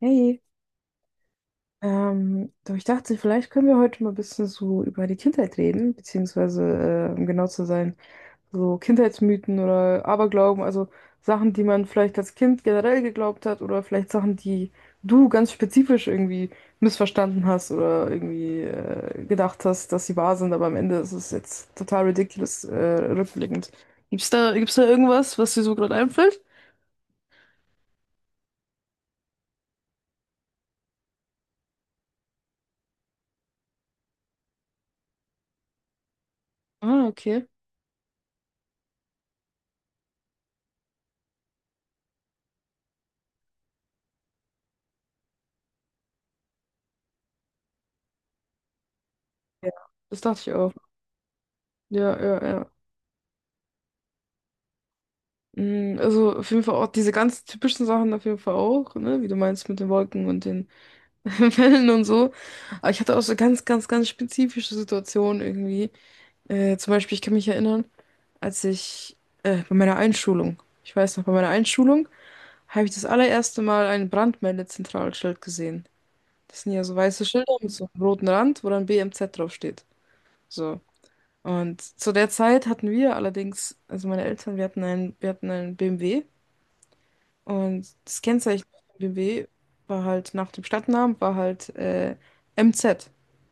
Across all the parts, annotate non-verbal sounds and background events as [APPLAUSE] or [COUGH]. Hey, du, ich dachte, vielleicht können wir heute mal ein bisschen so über die Kindheit reden, beziehungsweise, um genau zu sein, so Kindheitsmythen oder Aberglauben, also Sachen, die man vielleicht als Kind generell geglaubt hat oder vielleicht Sachen, die du ganz spezifisch irgendwie missverstanden hast oder irgendwie gedacht hast, dass sie wahr sind, aber am Ende ist es jetzt total ridiculous, rückblickend. Gibt's da irgendwas, was dir so gerade einfällt? Ah, okay. Ja. Das dachte ich auch. Ja, ja, ja. Also auf jeden Fall auch diese ganz typischen Sachen auf jeden Fall auch, ne? Wie du meinst mit den Wolken und den [LAUGHS] Wellen und so. Aber ich hatte auch so ganz, ganz, ganz spezifische Situationen irgendwie. Zum Beispiel, ich kann mich erinnern, als ich bei meiner Einschulung, ich weiß noch, bei meiner Einschulung habe ich das allererste Mal ein Brandmeldezentralschild gesehen. Das sind ja so weiße Schilder mit so einem roten Rand, wo dann BMZ draufsteht. So. Und zu der Zeit hatten wir allerdings, also meine Eltern, wir hatten einen BMW. Und das Kennzeichen von BMW war halt nach dem Stadtnamen war halt MZ,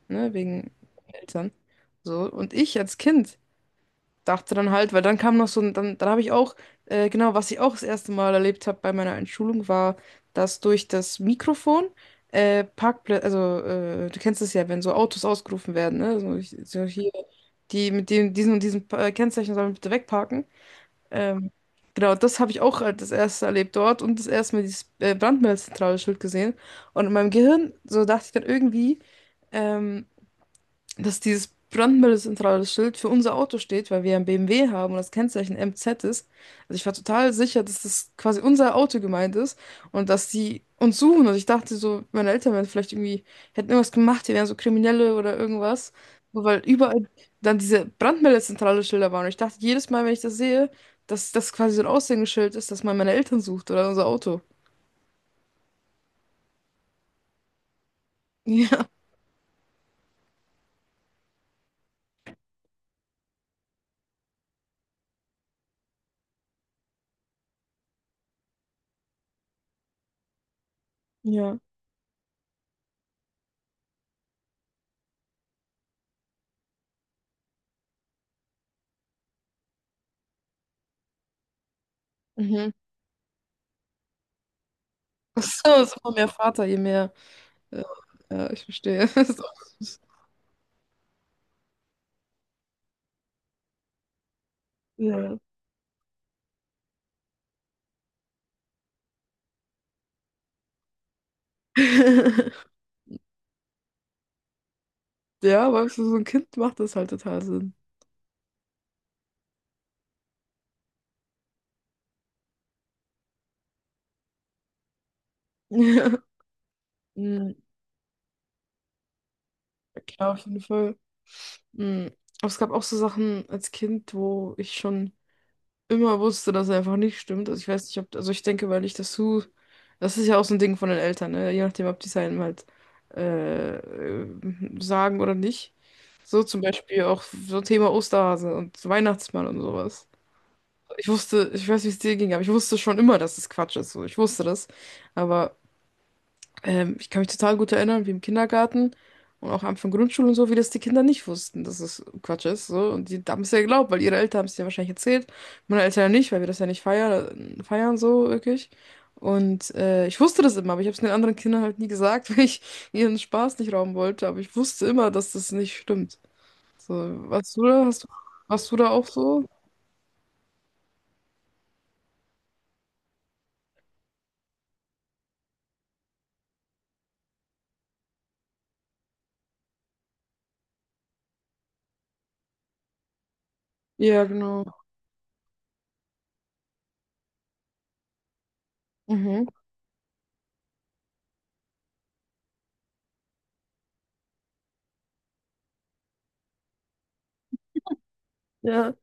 ne, wegen Eltern. So, und ich als Kind dachte dann halt, weil dann kam noch so ein, dann habe ich auch, genau, was ich auch das erste Mal erlebt habe bei meiner Einschulung, war, dass durch das Mikrofon Parkplätze, also du kennst es ja, wenn so Autos ausgerufen werden, ne? So, ich, so hier, die mit dem, diesen und diesem Kennzeichen sollen bitte wegparken. Ähm, genau, das habe ich auch halt das erste erlebt dort und das erste Mal dieses Brandmeldezentrale-Schild gesehen. Und in meinem Gehirn, so dachte ich dann irgendwie, ähm, dass dieses brandmeldezentrale Schild für unser Auto steht, weil wir ja ein BMW haben und das Kennzeichen MZ ist. Also ich war total sicher, dass das quasi unser Auto gemeint ist und dass die uns suchen. Und ich dachte so, meine Eltern wären vielleicht irgendwie, hätten irgendwas gemacht, die wären so Kriminelle oder irgendwas. Nur weil überall dann diese brandmeldezentrale Schilder waren. Und ich dachte jedes Mal, wenn ich das sehe, dass das quasi so ein Aushängeschild ist, dass man meine Eltern sucht oder unser Auto. [LAUGHS] Ja, ja. Mhm. [LAUGHS] So, so mehr Vater, je mehr. Ja, ja, ich verstehe. [LAUGHS] So. Ja. [LAUGHS] Ja, weißt du, so so ein Kind macht das halt total Sinn. Ja, mhm, klar, auf jeden Fall. Mhm. Aber es gab auch so Sachen als Kind, wo ich schon immer wusste, dass er einfach nicht stimmt. Also ich weiß nicht, ob, also ich denke, weil ich das so, das ist ja auch so ein Ding von den Eltern, ne? Je nachdem, ob die es einem halt sagen oder nicht. So zum Beispiel auch so Thema Osterhase und so Weihnachtsmann und sowas. Ich wusste, ich weiß, wie es dir ging, aber ich wusste schon immer, dass es Quatsch ist. So, ich wusste das. Aber ich kann mich total gut erinnern, wie im Kindergarten und auch am Anfang Grundschule und so, wie das die Kinder nicht wussten, dass es Quatsch ist. So. Und die haben es ja geglaubt, weil ihre Eltern haben es ja wahrscheinlich erzählt. Meine Eltern ja nicht, weil wir das ja nicht feiern so wirklich. Und ich wusste das immer, aber ich habe es den anderen Kindern halt nie gesagt, [LAUGHS] weil ich ihren Spaß nicht rauben wollte. Aber ich wusste immer, dass das nicht stimmt. So, warst du da? Hast du, warst du da auch so? Ja, genau. Mhm. Ja,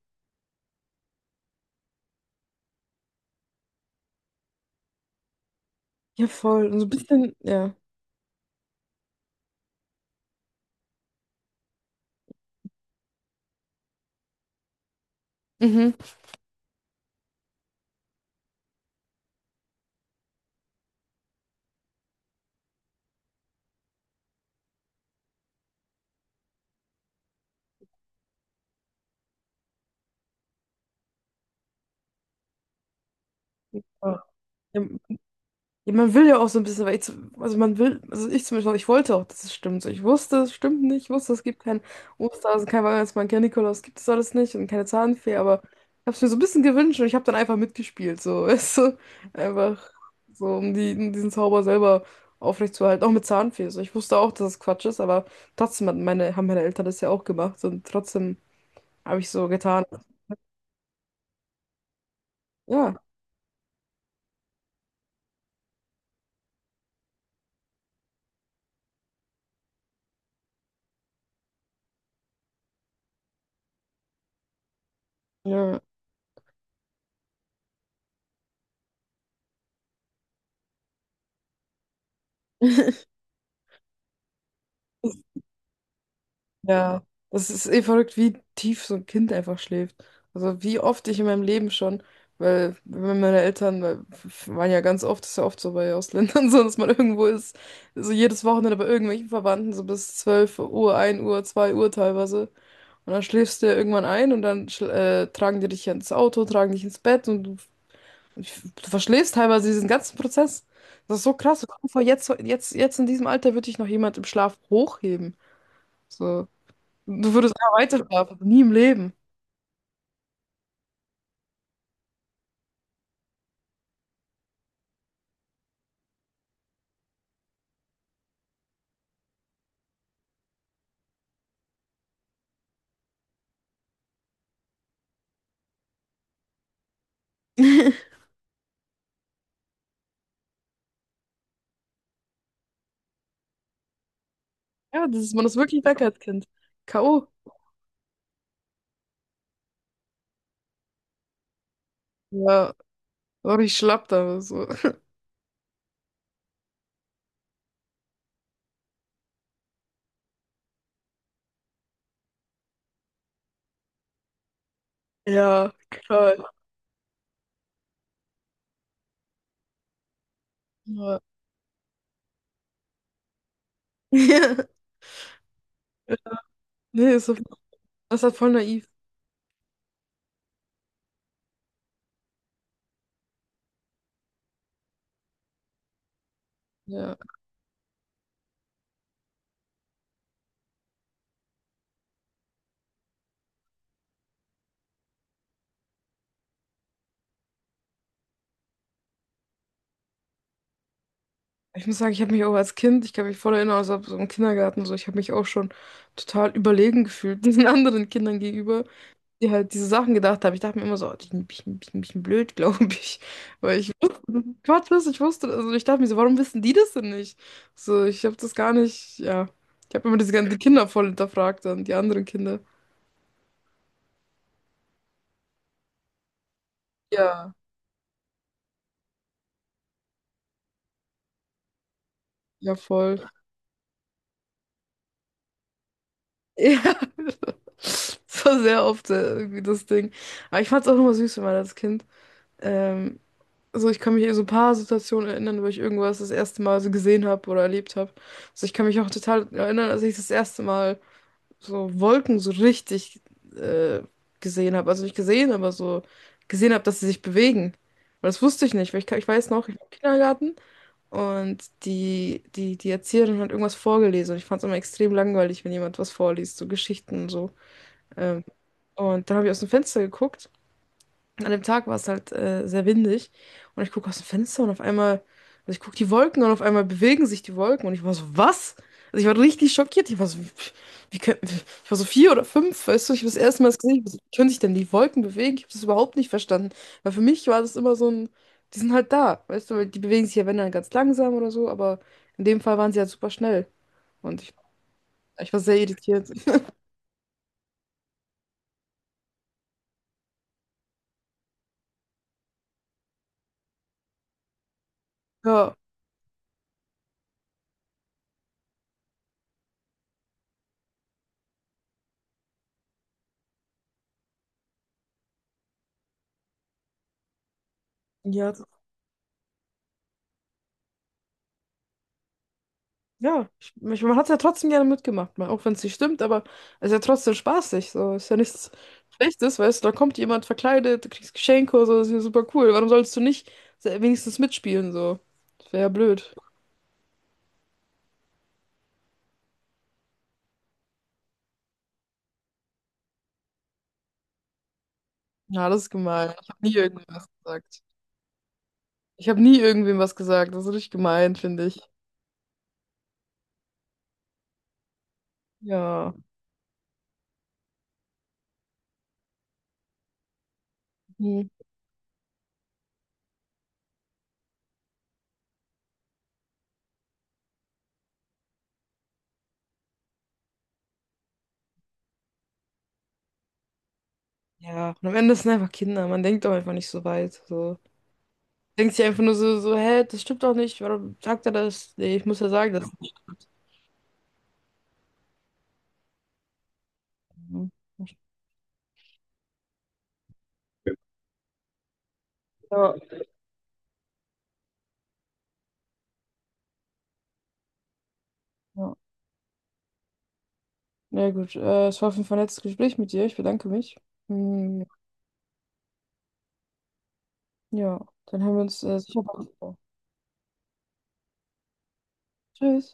ja, voll. Und so ein bisschen, ja. Mhm. Ja. Ja, man will ja auch so ein bisschen, weil ich, also man will, also ich zum Beispiel ich wollte auch, dass es stimmt. So, ich wusste, es stimmt nicht, ich wusste, es gibt keinen Osterhasen, kein Weihnachtsmann, kein Nikolaus, gibt es alles nicht und keine Zahnfee, aber ich habe es mir so ein bisschen gewünscht und ich habe dann einfach mitgespielt, so, [LAUGHS] weißt du, einfach so, um die, um diesen Zauber selber aufrechtzuerhalten, auch mit Zahnfee. So, ich wusste auch, dass es Quatsch ist, aber trotzdem hat meine, haben meine Eltern das ja auch gemacht und trotzdem habe ich so getan. Ja, ja. [LAUGHS] Ja, das ist eh verrückt, wie tief so ein Kind einfach schläft. Also wie oft ich in meinem Leben schon, weil wenn meine Eltern weil, f- waren ja ganz oft, ist ja oft so bei Ausländern [LAUGHS] so, dass man irgendwo ist, so jedes Wochenende bei irgendwelchen Verwandten, so bis 12 Uhr, 1 Uhr, 2 Uhr teilweise. Und dann schläfst du ja irgendwann ein und dann tragen die dich ja ins Auto, tragen dich ins Bett und du verschläfst teilweise diesen ganzen Prozess. Das ist so krass. Stell dir vor jetzt, in diesem Alter würde dich noch jemand im Schlaf hochheben. So. Du würdest weiter schlafen. Nie im Leben. [LAUGHS] Ja, das ist, man ist wirklich weg als Kind. K.O. Ja, war ich schlapp da. So. Ja, toll. Ja. [LAUGHS] Ja. Nee, ist so, das ist halt voll naiv. Ja. Ich muss sagen, ich habe mich auch als Kind, ich kann mich voll erinnern, also so im Kindergarten, so, ich habe mich auch schon total überlegen gefühlt, [LAUGHS] diesen anderen Kindern gegenüber, die halt diese Sachen gedacht haben. Ich dachte mir immer so, oh, die sind ein bisschen, bisschen, bisschen blöd, [LAUGHS] glaube ich. Weil ich Gottes, ich wusste, also ich dachte mir so, warum wissen die das denn nicht? So, ich habe das gar nicht, ja. Ich habe immer diese ganzen die Kinder voll hinterfragt dann, die anderen Kinder. Ja, ja, voll. Ja, [LAUGHS] das war sehr oft irgendwie das Ding. Aber ich fand es auch immer süß, wenn man als Kind. Ähm, also ich kann mich an so ein paar Situationen erinnern, wo ich irgendwas das erste Mal so gesehen habe oder erlebt habe. So, ich kann mich auch total erinnern, als ich das erste Mal so Wolken so richtig äh, gesehen habe. Also nicht gesehen, aber so gesehen habe, dass sie sich bewegen. Aber das wusste ich nicht, weil ich weiß noch, ich war im Kindergarten und die Erzieherin hat irgendwas vorgelesen und ich fand es immer extrem langweilig, wenn jemand was vorliest, so Geschichten und so. Ähm, und dann habe ich aus dem Fenster geguckt, an dem Tag war es halt sehr windig und ich gucke aus dem Fenster und auf einmal, also ich gucke die Wolken und auf einmal bewegen sich die Wolken und ich war so, was? Also ich war richtig schockiert. Ich war so, wie können, ich war so 4 oder 5, weißt du, ich habe das erste Mal gesehen, ich war so, wie können sich denn die Wolken bewegen? Ich habe das überhaupt nicht verstanden, weil für mich war das immer so ein, die sind halt da, weißt du, weil die bewegen sich ja, wenn dann ganz langsam oder so, aber in dem Fall waren sie halt super schnell und ich war sehr irritiert. Ja, ja. Ja, ich, man hat es ja trotzdem gerne mitgemacht, mal, auch wenn es nicht stimmt, aber es ist ja trotzdem spaßig. So, ist ja nichts Schlechtes, weißt du, da kommt jemand verkleidet, du kriegst Geschenke oder so, das ist ja super cool. Warum sollst du nicht wenigstens mitspielen, so? Das wäre ja blöd. Ja, das ist gemein. Ich habe nie irgendwem was gesagt. Ich habe nie irgendwem was gesagt. Das ist richtig gemein, finde ich. Ja. Mhm. Ja. Und am Ende sind einfach Kinder. Man denkt doch einfach nicht so weit. So. Denkt sich einfach nur so, so, hä, das stimmt doch nicht. Warum sagt er das? Nee, ich muss ja sagen, dass. Ja. Ja. Ja, gut. Es war auf jeden Fall ein nettes Gespräch mit dir. Ich bedanke mich. Hm, ja, dann hören wir uns sicher bald wieder. Tschüss.